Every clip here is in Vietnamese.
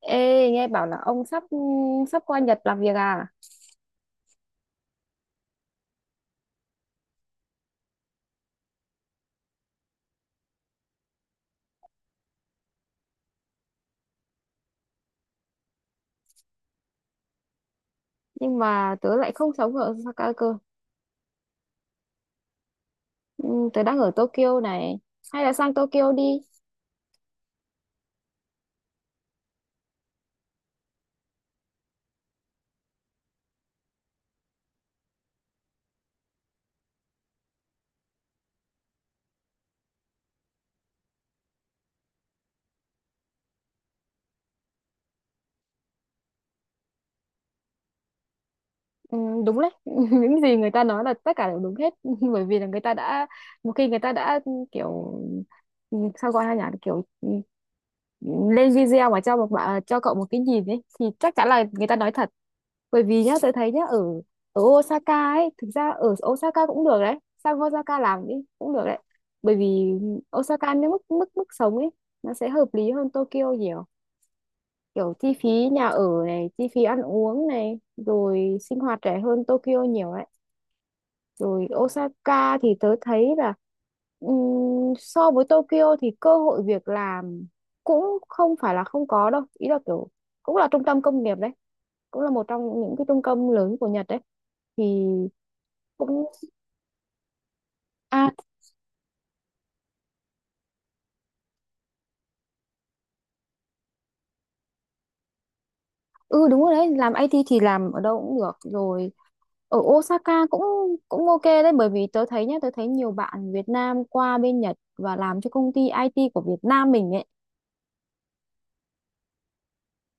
Ê, nghe bảo là ông sắp sắp qua Nhật làm việc à? Nhưng mà tớ lại không sống ở Osaka cơ. Ừ, tớ đang ở Tokyo này. Hay là sang Tokyo đi. Ừ, đúng đấy. Những gì người ta nói là tất cả đều đúng hết. Bởi vì là người ta đã một khi người ta đã kiểu, sao gọi là nhỉ? Kiểu lên video mà cho cậu một cái nhìn ấy, thì chắc chắn là người ta nói thật. Bởi vì nhá, tôi thấy nhá, ở ở Osaka ấy, thực ra ở Osaka cũng được đấy, sang Osaka làm đi, cũng được đấy. Bởi vì Osaka nếu mức mức mức sống ấy, nó sẽ hợp lý hơn Tokyo nhiều, kiểu chi phí nhà ở này, chi phí ăn uống này, rồi sinh hoạt rẻ hơn Tokyo nhiều ấy. Rồi Osaka thì tớ thấy là, so với Tokyo thì cơ hội việc làm cũng không phải là không có đâu, ý là kiểu cũng là trung tâm công nghiệp đấy, cũng là một trong những cái trung tâm lớn của Nhật đấy. Thì cũng à ừ đúng rồi đấy, làm IT thì làm ở đâu cũng được rồi, ở Osaka cũng cũng ok đấy. Bởi vì tớ thấy nhá, tớ thấy nhiều bạn Việt Nam qua bên Nhật và làm cho công ty IT của Việt Nam mình ấy.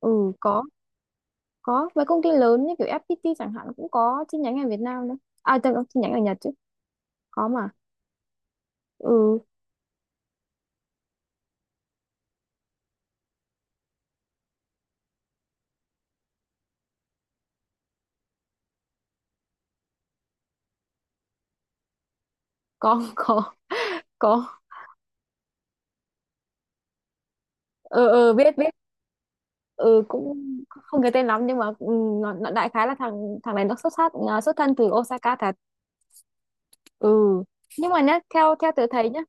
Ừ, có mấy công ty lớn như kiểu FPT chẳng hạn cũng có chi nhánh ở Việt Nam đấy. À, tớ chi nhánh ở Nhật chứ, có mà. Ừ, có. Có, có. Ừ, ừ, biết, biết. Ừ, cũng không nhớ tên lắm, nhưng mà nó đại khái là thằng thằng này, nó xuất thân từ Osaka thật. Ừ, nhưng mà nhá, theo theo tớ thấy nhá,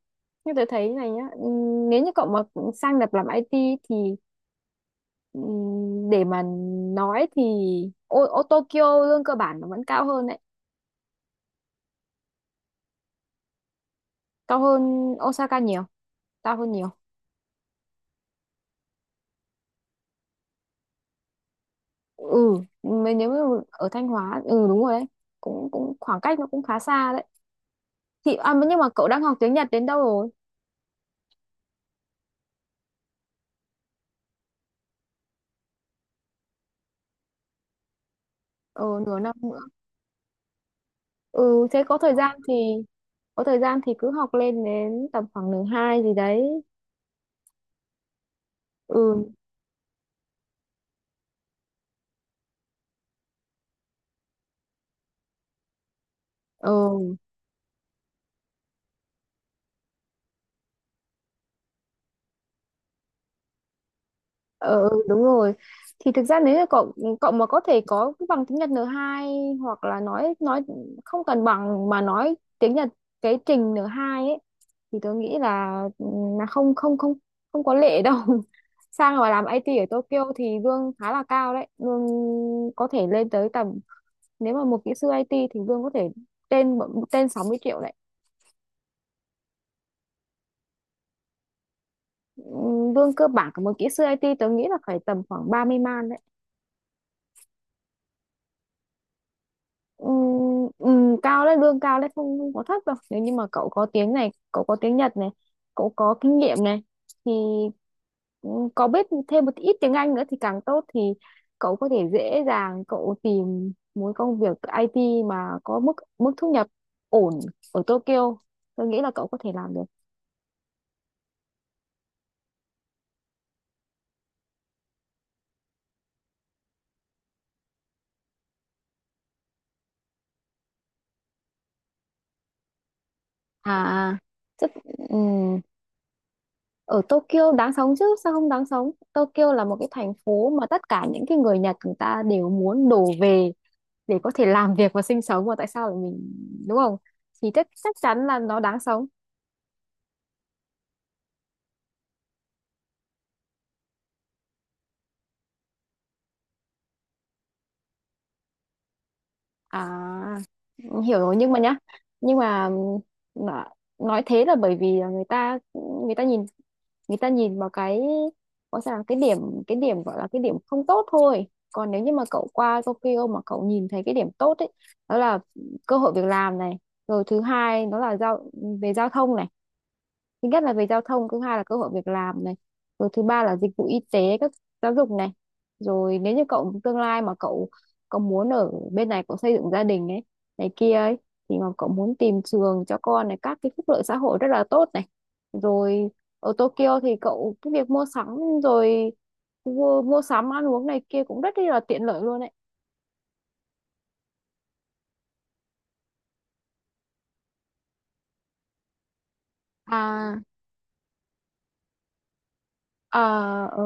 như tớ thấy này nhá, nếu như cậu mà sang Nhật làm IT thì, ừ, để mà nói thì, ô Tokyo lương cơ bản nó vẫn cao hơn đấy, cao hơn Osaka nhiều, cao hơn nhiều. ừ Nếu mà ở Thanh Hóa, ừ đúng rồi đấy, cũng cũng khoảng cách nó cũng khá xa đấy. Thì nhưng mà cậu đang học tiếng Nhật đến đâu rồi? Ờ nửa năm. Ừ, thế có thời gian thì, cứ học lên đến tầm khoảng nửa hai gì đấy. Ừ. Ừ, ừ đúng rồi. Thì thực ra nếu như cậu cậu mà có thể có cái bằng tiếng Nhật N2, hoặc là nói không cần bằng mà nói tiếng Nhật cái trình N2 ấy, thì tôi nghĩ là, là không không không không có lệ đâu. Sang và làm IT ở Tokyo thì lương khá là cao đấy, lương có thể lên tới tầm, nếu mà một kỹ sư IT thì lương có thể trên trên 60 triệu đấy. Lương cơ bản của một kỹ sư IT tớ nghĩ là phải tầm khoảng 30 man đấy. Cao đấy, lương cao đấy, không có thấp đâu. Nếu như mà cậu có tiếng này, cậu có tiếng Nhật này, cậu có kinh nghiệm này, thì có biết thêm một ít tiếng Anh nữa thì càng tốt, thì cậu có thể dễ dàng cậu tìm một công việc IT mà có mức mức thu nhập ổn ở Tokyo, tôi nghĩ là cậu có thể làm được. à rất ừ, ở Tokyo đáng sống chứ, sao không đáng sống. Tokyo là một cái thành phố mà tất cả những cái người Nhật người ta đều muốn đổ về để có thể làm việc và sinh sống, mà tại sao lại mình, đúng không? Thì chắc chắc chắn là nó đáng sống. À, hiểu rồi, nhưng mà nhá, nhưng mà nó- nói thế là bởi vì là người ta, người ta nhìn người ta nhìn vào cái, gọi sao là cái điểm, cái điểm gọi là cái điểm không tốt thôi. Còn nếu như mà cậu qua Tokyo mà cậu nhìn thấy cái điểm tốt ấy, đó là cơ hội việc làm này, rồi thứ hai nó là về giao thông này, thứ nhất là về giao thông, thứ hai là cơ hội việc làm này, rồi thứ ba là dịch vụ y tế, các giáo dục này. Rồi nếu như cậu tương lai mà cậu cậu muốn ở bên này, cậu xây dựng gia đình ấy, này kia ấy, thì mà cậu muốn tìm trường cho con này, các cái phúc lợi xã hội rất là tốt này. Rồi ở Tokyo thì cậu cái việc mua sắm, rồi mua sắm ăn uống này kia cũng rất là tiện lợi luôn ấy. à à ờ,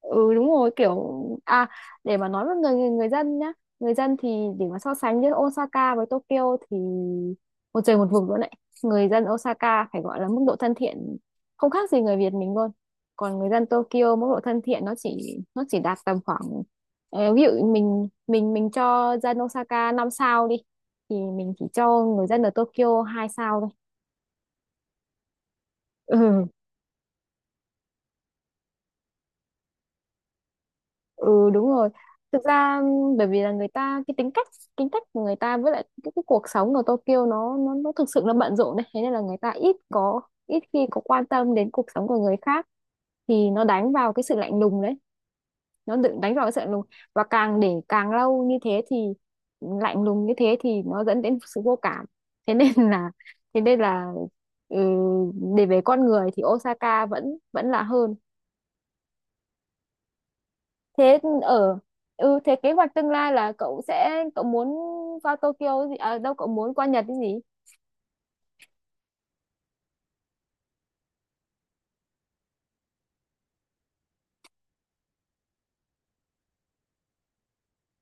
ừ đúng rồi kiểu à. Để mà nói với người người, người dân nhá, người dân thì, để mà so sánh giữa Osaka với Tokyo thì một trời một vực luôn đấy. Người dân Osaka phải gọi là mức độ thân thiện không khác gì người Việt mình luôn. Còn người dân Tokyo mức độ thân thiện nó chỉ, đạt tầm khoảng, ờ, ví dụ mình mình cho dân Osaka 5 sao đi thì mình chỉ cho người dân ở Tokyo 2 sao thôi. Ừ, ừ đúng rồi. Thực ra bởi vì là người ta cái tính cách, của người ta với lại cái cuộc sống ở Tokyo nó thực sự nó bận rộn đấy. Thế nên là người ta ít có, ít khi có quan tâm đến cuộc sống của người khác, thì nó đánh vào cái sự lạnh lùng đấy, nó tự đánh vào cái sự lạnh lùng. Và càng để càng lâu như thế thì lạnh lùng như thế thì nó dẫn đến sự vô cảm, thế nên là, thế nên là ừ, để về con người thì Osaka vẫn vẫn là hơn. Thế ở ừ thế kế hoạch tương lai là cậu muốn qua Tokyo gì à, đâu cậu muốn qua Nhật cái gì?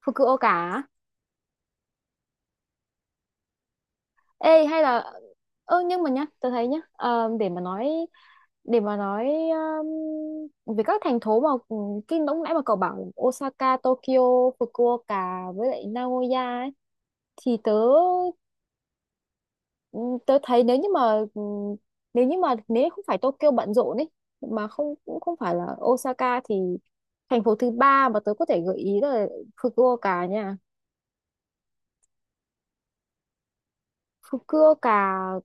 Fukuoka á? Ê hay là, nhưng mà nhá, tôi thấy nhá, để mà nói, để mà nói, về các thành phố mà, cái lúc nãy mà cậu bảo Osaka, Tokyo, Fukuoka với lại Nagoya ấy, thì tớ, ừ, tôi thấy nếu như mà, nếu như mà nếu không phải Tokyo bận rộn ấy, mà không cũng không phải là Osaka, thì thành phố thứ ba mà tôi có thể gợi ý là Fukuoka nha. Fukuoka,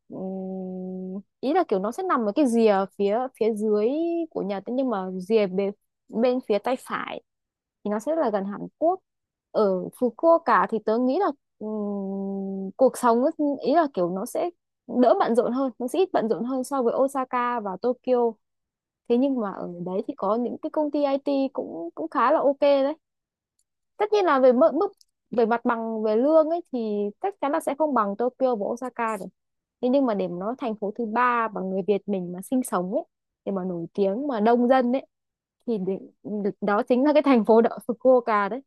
ý là kiểu nó sẽ nằm ở cái rìa phía phía dưới của Nhật ấy, nhưng mà rìa bên, bên phía tay phải thì nó sẽ là gần Hàn Quốc. Ở Fukuoka thì tớ nghĩ là, cuộc sống ấy, ý là kiểu nó sẽ đỡ bận rộn hơn, nó sẽ ít bận rộn hơn so với Osaka và Tokyo. Thế nhưng mà ở đấy thì có những cái công ty IT cũng cũng khá là ok đấy. Tất nhiên là về mức mức, về mặt bằng về lương ấy thì chắc chắn là sẽ không bằng Tokyo và Osaka rồi. Thế nhưng mà để mà nói thành phố thứ ba mà người Việt mình mà sinh sống ấy, để mà nổi tiếng mà đông dân ấy, thì đó chính là cái thành phố đó, Fukuoka đấy.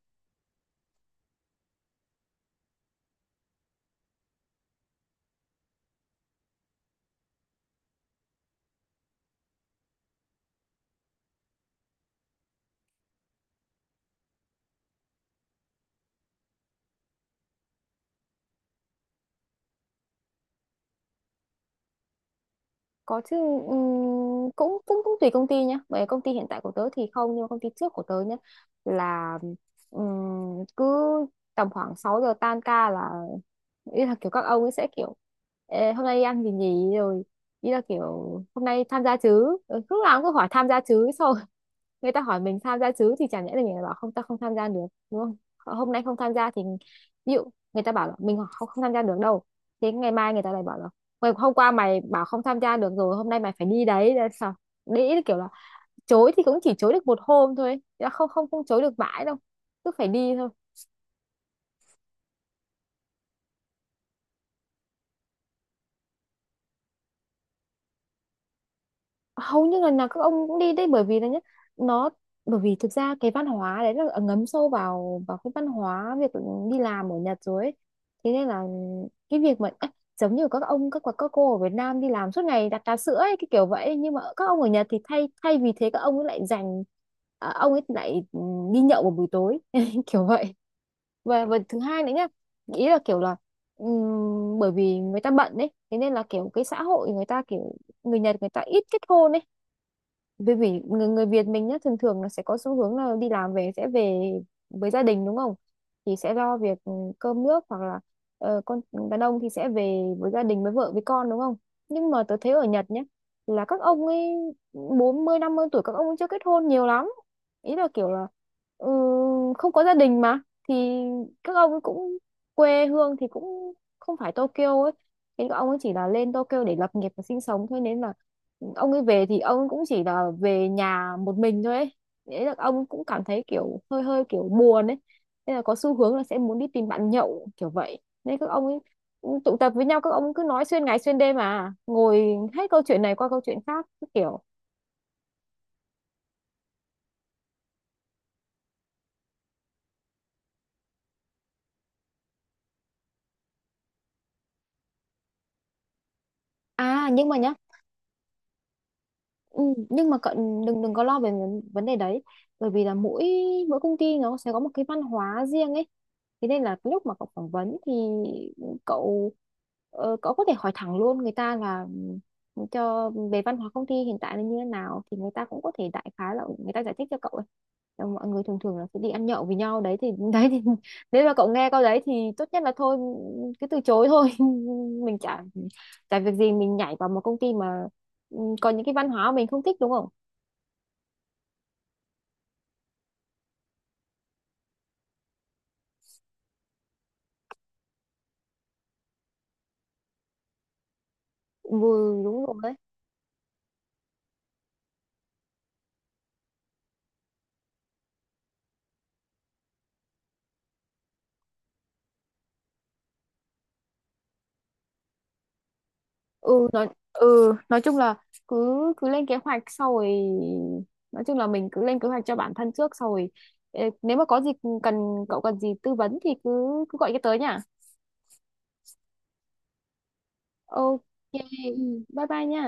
Có chứ. Cũng cũng cũng tùy công ty nhá. Bởi công ty hiện tại của tớ thì không, nhưng mà công ty trước của tớ nhá là, cứ tầm khoảng 6 giờ tan ca là, ý là kiểu các ông ấy sẽ kiểu, "Ê, hôm nay đi ăn gì nhỉ," rồi ý là kiểu hôm nay tham gia chứ. Ừ, lúc nào cũng cứ hỏi tham gia chứ. Xong người ta hỏi mình tham gia chứ thì chả nhẽ là mình lại bảo không, ta không tham gia được, đúng không? Hôm nay không tham gia thì, ví dụ người ta bảo là mình không tham gia được đâu, thế ngày mai người ta lại bảo là, Hôm qua mày bảo không tham gia được, rồi hôm nay mày phải đi đấy." Thế là sao? Đấy, kiểu là chối thì cũng chỉ chối được một hôm thôi, chứ không không không chối được mãi đâu, cứ phải đi thôi. Hầu như lần nào các ông cũng đi đấy, bởi vì là nhá nó, bởi vì thực ra cái văn hóa đấy là ngấm sâu vào vào cái văn hóa việc đi làm ở Nhật rồi ấy. Thế nên là cái việc mà á, giống như các ông các cô ở Việt Nam đi làm suốt ngày đặt trà sữa ấy, cái kiểu vậy, nhưng mà các ông ở Nhật thì thay thay vì thế các ông ấy lại dành, à, ông ấy lại, đi nhậu vào buổi tối. Kiểu vậy. Và thứ hai nữa nhá, ý là kiểu là, bởi vì người ta bận đấy, thế nên là kiểu cái xã hội người ta kiểu, người Nhật người ta ít kết hôn ấy. Bởi vì người Việt mình nhá thường thường là sẽ có xu hướng là đi làm về sẽ về với gia đình, đúng không? Thì sẽ lo việc, cơm nước, hoặc là, con, đàn ông thì sẽ về với gia đình với vợ với con, đúng không? Nhưng mà tớ thấy ở Nhật nhá, là các ông ấy 40, 50 tuổi các ông ấy chưa kết hôn nhiều lắm. Ý là kiểu là, ừ, không có gia đình mà, thì các ông ấy cũng quê hương thì cũng không phải Tokyo ấy, thì các ông ấy chỉ là lên Tokyo để lập nghiệp và sinh sống thôi, nên là ông ấy về thì ông cũng chỉ là về nhà một mình thôi ấy. Thế là ông cũng cảm thấy kiểu hơi hơi kiểu buồn ấy, nên là có xu hướng là sẽ muốn đi tìm bạn nhậu, kiểu vậy nên các ông ấy tụ tập với nhau, các ông cứ nói xuyên ngày xuyên đêm mà ngồi hết câu chuyện này qua câu chuyện khác cứ kiểu. Nhưng mà nhá. Ừ, nhưng mà cậu đừng đừng có lo về vấn vấn đề đấy. Bởi vì là mỗi mỗi công ty nó sẽ có một cái văn hóa riêng ấy, thế nên là lúc mà cậu phỏng vấn thì cậu, cậu có thể hỏi thẳng luôn người ta là, cho về văn hóa công ty hiện tại là như thế nào, thì người ta cũng có thể đại khái là, người ta giải thích cho cậu ấy. Ờ, mọi người thường thường là sẽ đi ăn nhậu với nhau đấy, thì đấy thì nếu mà cậu nghe câu đấy thì tốt nhất là thôi, cứ từ chối thôi. Mình chả tại việc gì mình nhảy vào một công ty mà, có những cái văn hóa mình không thích, đúng không? Ừ đúng rồi đấy. Ừ nói chung là cứ cứ lên kế hoạch, sau rồi nói chung là mình cứ lên kế hoạch cho bản thân trước, sau rồi ê, nếu mà có gì cần, cậu cần gì tư vấn thì cứ cứ gọi cái tới nha. Ok, bye bye nha.